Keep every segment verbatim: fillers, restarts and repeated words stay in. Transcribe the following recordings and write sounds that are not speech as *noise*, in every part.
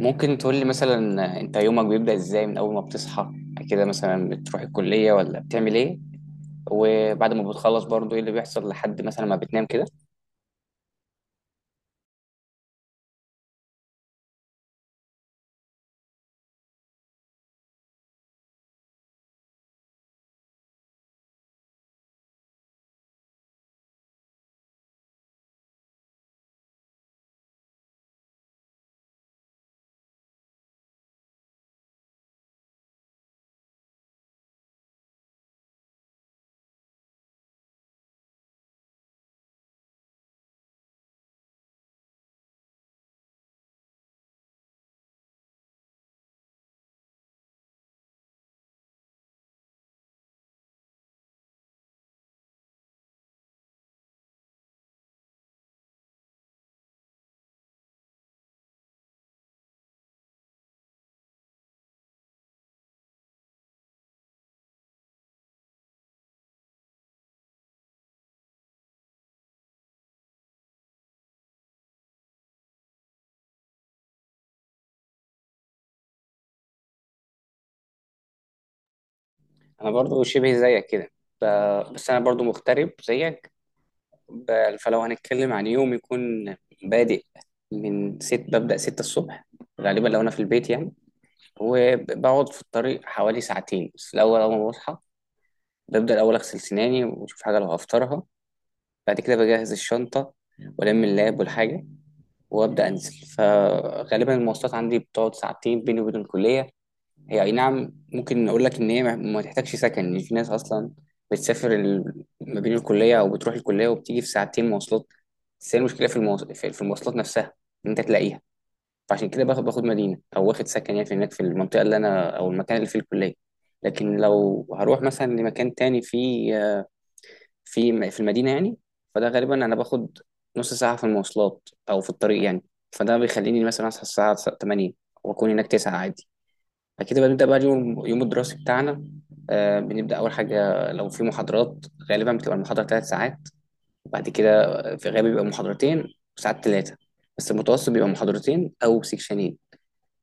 ممكن تقول لي، مثلا انت يومك بيبدأ ازاي من اول ما بتصحى؟ كده مثلا بتروح الكلية ولا بتعمل ايه؟ وبعد ما بتخلص برضو ايه اللي بيحصل لحد مثلا ما بتنام كده؟ انا برضو شبه زيك كده. ف- بس انا برضو مغترب زيك. ب- فلو هنتكلم عن يوم يكون بادئ من ست ببدأ ستة الصبح، غالبا لو انا في البيت يعني، وبقعد في الطريق حوالي ساعتين. بس الاول، اول ما بصحى ببدأ الاول اغسل سناني واشوف حاجة لو هفطرها. بعد كده بجهز الشنطة والم اللاب والحاجة وابدا انزل. فغالبا المواصلات عندي بتقعد ساعتين بيني وبين الكليه. هي اي نعم، ممكن اقول لك ان هي ما ما تحتاجش سكن، يعني في ناس اصلا بتسافر، ال- ما بين الكليه، او بتروح الكليه وبتيجي في ساعتين مواصلات. بس هي المشكله في المواص... في في المواصلات نفسها، ان انت تلاقيها. فعشان كده باخد باخد مدينه، او واخد سكن، يعني في هناك في المنطقه اللي انا، او المكان اللي فيه الكليه. لكن لو هروح مثلا لمكان تاني فيه، آه، في في المدينة يعني، فده غالبا أنا باخد نص ساعة في المواصلات أو في الطريق يعني. فده بيخليني مثلا أصحى الساعة ثمانية وأكون هناك تسعة عادي. بعد كده بنبدأ بقى اليوم، يوم الدراسي بتاعنا. آه بنبدأ أول حاجة لو في محاضرات. غالبا بتبقى المحاضرة ثلاث ساعات، بعد كده في غالب بيبقى محاضرتين، وساعات ثلاثة، بس المتوسط بيبقى محاضرتين أو سيكشنين.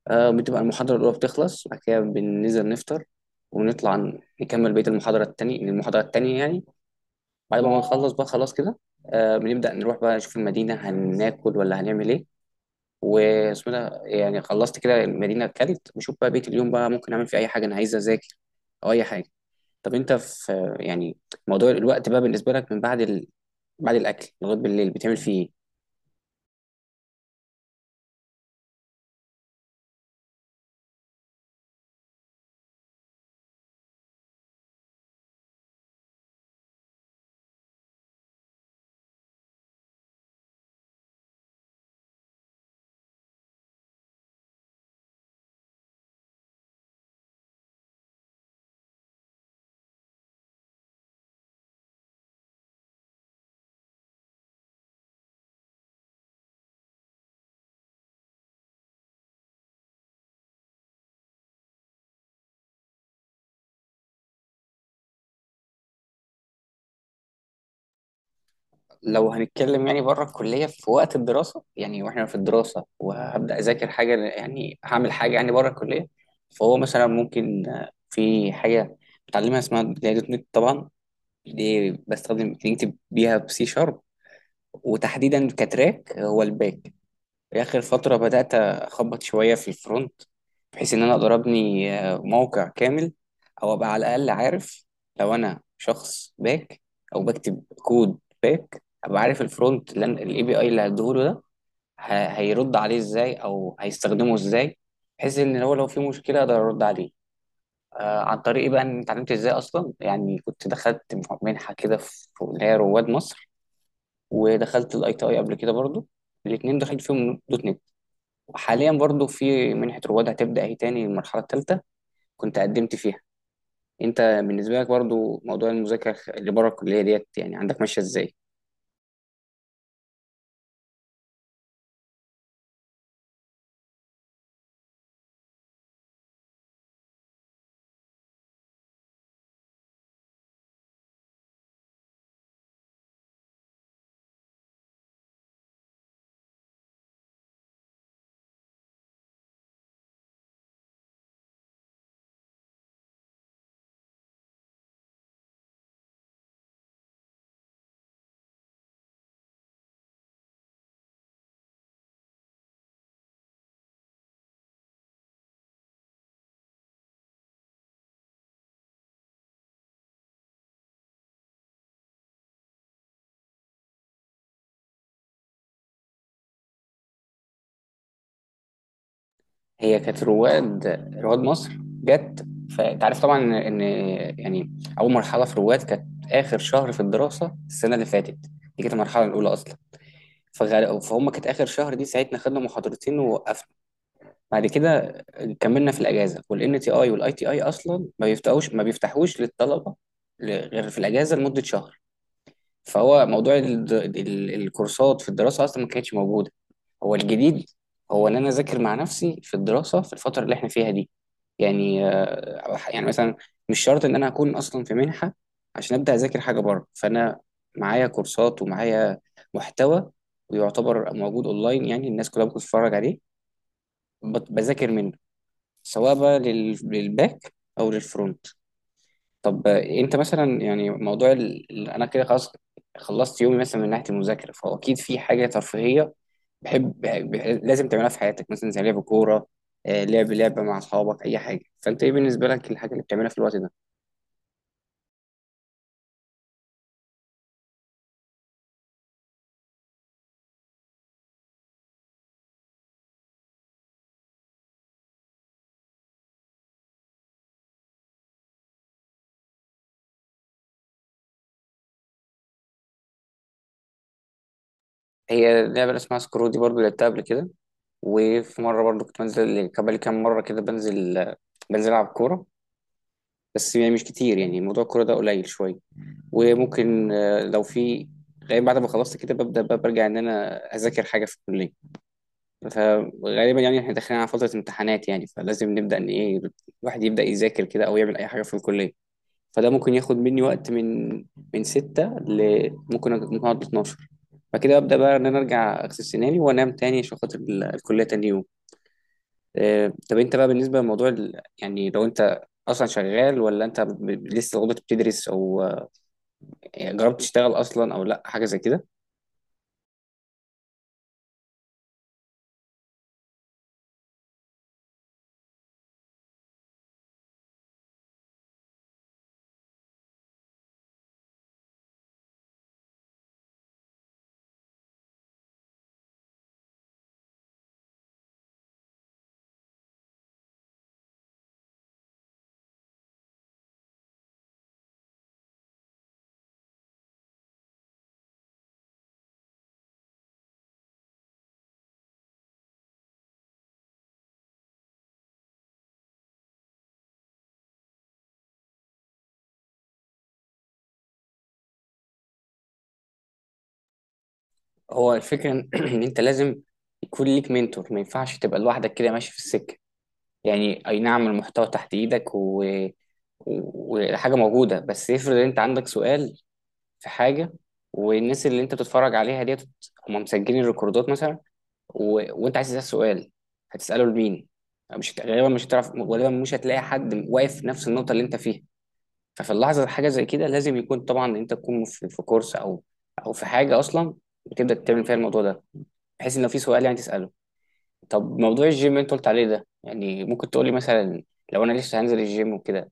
آه بتبقى المحاضرة الأولى بتخلص، بعد كده بننزل نفطر ونطلع نكمل بقية المحاضرة التانية، المحاضرة التانية يعني. بعد ما نخلص بقى، خلاص كده. آه بنبدأ نروح بقى نشوف المدينة، هناكل ولا هنعمل ايه، واسمه ده. يعني خلصت كده، المدينة، اكلت، بشوف بقى بقية اليوم بقى، ممكن اعمل فيه اي حاجة انا عايز اذاكر، او اي حاجة. طب انت في يعني موضوع الوقت بقى بالنسبة لك من بعد ال... بعد الاكل لغاية بالليل بتعمل فيه ايه؟ لو هنتكلم يعني بره الكلية في وقت الدراسة، يعني واحنا في الدراسة وهبدأ اذاكر حاجة يعني، هعمل حاجة يعني بره الكلية. فهو مثلا ممكن، آه، في حاجة بتعلمها اسمها اللي هي دوت نت طبعا. دي بستخدم بنكتب بيها بسي شارب، وتحديدا كتراك هو الباك. في اخر فتره بدات اخبط شويه في الفرونت، بحيث ان انا اقدر ابني، آه، موقع كامل، او ابقى على الاقل عارف، لو انا شخص باك او بكتب كود باك ابقى عارف الفرونت. لان الاي بي اي اللي هديهوله ده ه- هيرد عليه ازاي او هيستخدمه ازاي، بحيث ان هو لو في مشكله اقدر ارد عليه. آه، عن طريق إيه بقى ان اتعلمت ازاي اصلا، يعني كنت دخلت منحه كده في اللي هي رواد مصر، ودخلت الاي تي اي قبل كده برضو. الاثنين دخلت فيهم دوت نت. وحاليا برضو في منحه رواد هتبدا اهي تاني، المرحله الثالثه كنت قدمت فيها. انت بالنسبه لك برضو موضوع المذاكره اللي بره الكليه ديت، يعني عندك ماشيه ازاي؟ هي كانت رواد، رواد مصر جت. فانت عارف طبعا ان، يعني، اول مرحله في رواد كانت اخر شهر في الدراسه السنه اللي فاتت. دي كانت المرحله الاولى اصلا. فغال... فهم كانت اخر شهر دي، ساعتنا خدنا محاضرتين ووقفنا. بعد كده كملنا في الاجازه. والان تي اي والاي تي اي اصلا ما بيفتحوش ما بيفتحوش للطلبه، ل- غير في الاجازه لمده شهر. فهو موضوع ال... ال... الكورسات في الدراسه اصلا ما كانتش موجوده. هو الجديد هو ان انا اذاكر مع نفسي في الدراسه، في الفتره اللي احنا فيها دي. يعني، آه، يعني مثلا، مش شرط ان انا اكون اصلا في منحه عشان ابدا اذاكر حاجه بره. فانا معايا كورسات، ومعايا محتوى ويعتبر موجود اونلاين، يعني الناس كلها بتتفرج عليه، بت- بذاكر منه، سواء بقى لل- للباك او للفرونت. طب آه، انت مثلا يعني موضوع ال... ال- انا كده خلاص، خلصت يومي مثلا من ناحيه المذاكره. فهو اكيد في حاجه ترفيهيه، بحب ب... لازم تعملها في حياتك، مثلا زي لعب كوره، آه، لعب لعبه مع اصحابك، اي حاجه. فانت ايه بالنسبه لك الحاجه اللي بتعملها في الوقت ده؟ هي لعبه اسمها سكرو، دي برضو لعبتها قبل كده. وفي مره برضو كنت بنزل كبالي كام مره كده، بنزل آه، بنزل العب كوره، بس يعني مش كتير. يعني موضوع الكوره ده قليل شويه. وممكن، آه، لو في غالبا بعد ما خلصت كده ببدا بقى برجع ان انا اذاكر حاجه في الكليه. فغالبا يعني احنا داخلين على فترة امتحانات يعني، فلازم نبدأ ان ايه، الواحد يبدأ يذاكر كده او يعمل اي حاجة في الكلية. فده ممكن ياخد مني وقت، من من ستة ل ممكن أج- ممكن اقعد اتناشر. فكده ابدا بقى ان انا ارجع اغسل سناني وانام تاني عشان خاطر ال- الكلية تاني يوم. آه، طب انت بقى بالنسبة لموضوع ال- يعني لو انت اصلا شغال، ولا انت ب- ب- لسه برضه بتدرس، او آه، يعني جربت تشتغل اصلا، او لا حاجة زي كده؟ هو الفكرة ان *clears throat* إن انت لازم يكون ليك منتور، ما ينفعش تبقى لوحدك كده ماشي في السكة. يعني اي نعم، المحتوى تحت ايدك، و... و- وحاجه موجوده. بس افرض انت عندك سؤال في حاجه، والناس اللي انت بتتفرج عليها ديت هم مسجلين الريكوردات مثلا، و... وانت عايز تسال سؤال، هتساله لمين؟ مش هت- غالبا مش هتعرف، غالبا مش هتلاقي حد واقف في نفس النقطه اللي انت فيها. ففي اللحظه حاجه زي كده لازم يكون طبعا انت تكون في, في كورس، او او في حاجه اصلا بتبدا تعمل فيها الموضوع ده، بحيث ان لو في سؤال يعني تساله. طب موضوع الجيم اللي انت قلت عليه ده، يعني ممكن تقولي مثلا، لو انا لسه هنزل الجيم وكده،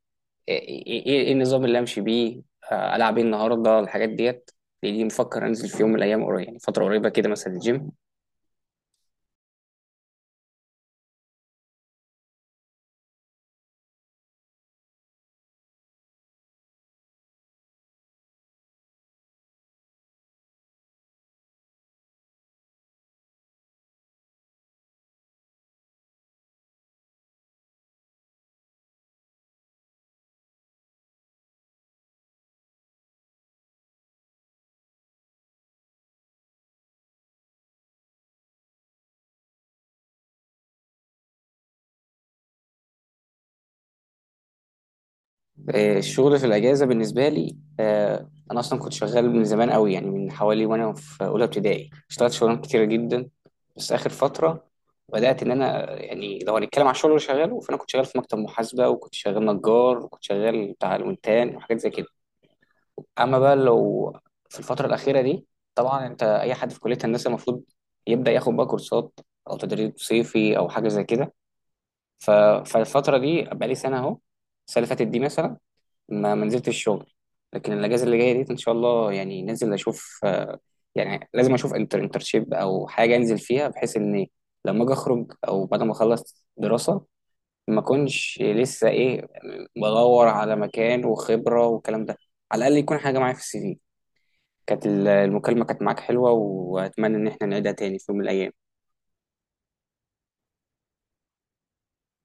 ايه ايه ايه إيه النظام اللي امشي بيه؟ آه، العب ايه النهارده، الحاجات ديت، لاني مفكر انزل في يوم من الايام قريب، يعني فتره قريبه كده مثلا الجيم. آه، الشغل في الاجازه بالنسبه لي، آه، انا اصلا كنت شغال من زمان قوي. يعني من حوالي وانا في اولى ابتدائي اشتغلت شغلانات كتيره جدا. بس اخر فتره بدات ان انا، يعني لو هنتكلم على الشغل اللي شغاله، فانا كنت شغال في مكتب محاسبه، وكنت شغال نجار، وكنت شغال بتاع الونتان، وحاجات زي كده. اما بقى لو في الفتره الاخيره دي، طبعا انت اي حد في كليه هندسه المفروض يبدا ياخد بقى كورسات او تدريب صيفي او حاجه زي كده. ف... فالفتره دي بقالي سنه اهو. السنه اللي فاتت دي مثلا ما ما نزلتش الشغل. لكن الاجازه اللي جايه دي ان شاء الله، يعني ننزل اشوف، آه، يعني لازم اشوف انتر انترشيب او حاجه انزل فيها، بحيث ان لما اجي اخرج، او بعد ما اخلص دراسه، ما اكونش لسه ايه، بدور على مكان وخبره والكلام ده. على الاقل يكون حاجه معايا في السي في. كانت ال- المكالمة كانت معاك حلوة، وأتمنى إن احنا نعيدها تاني في يوم من الأيام.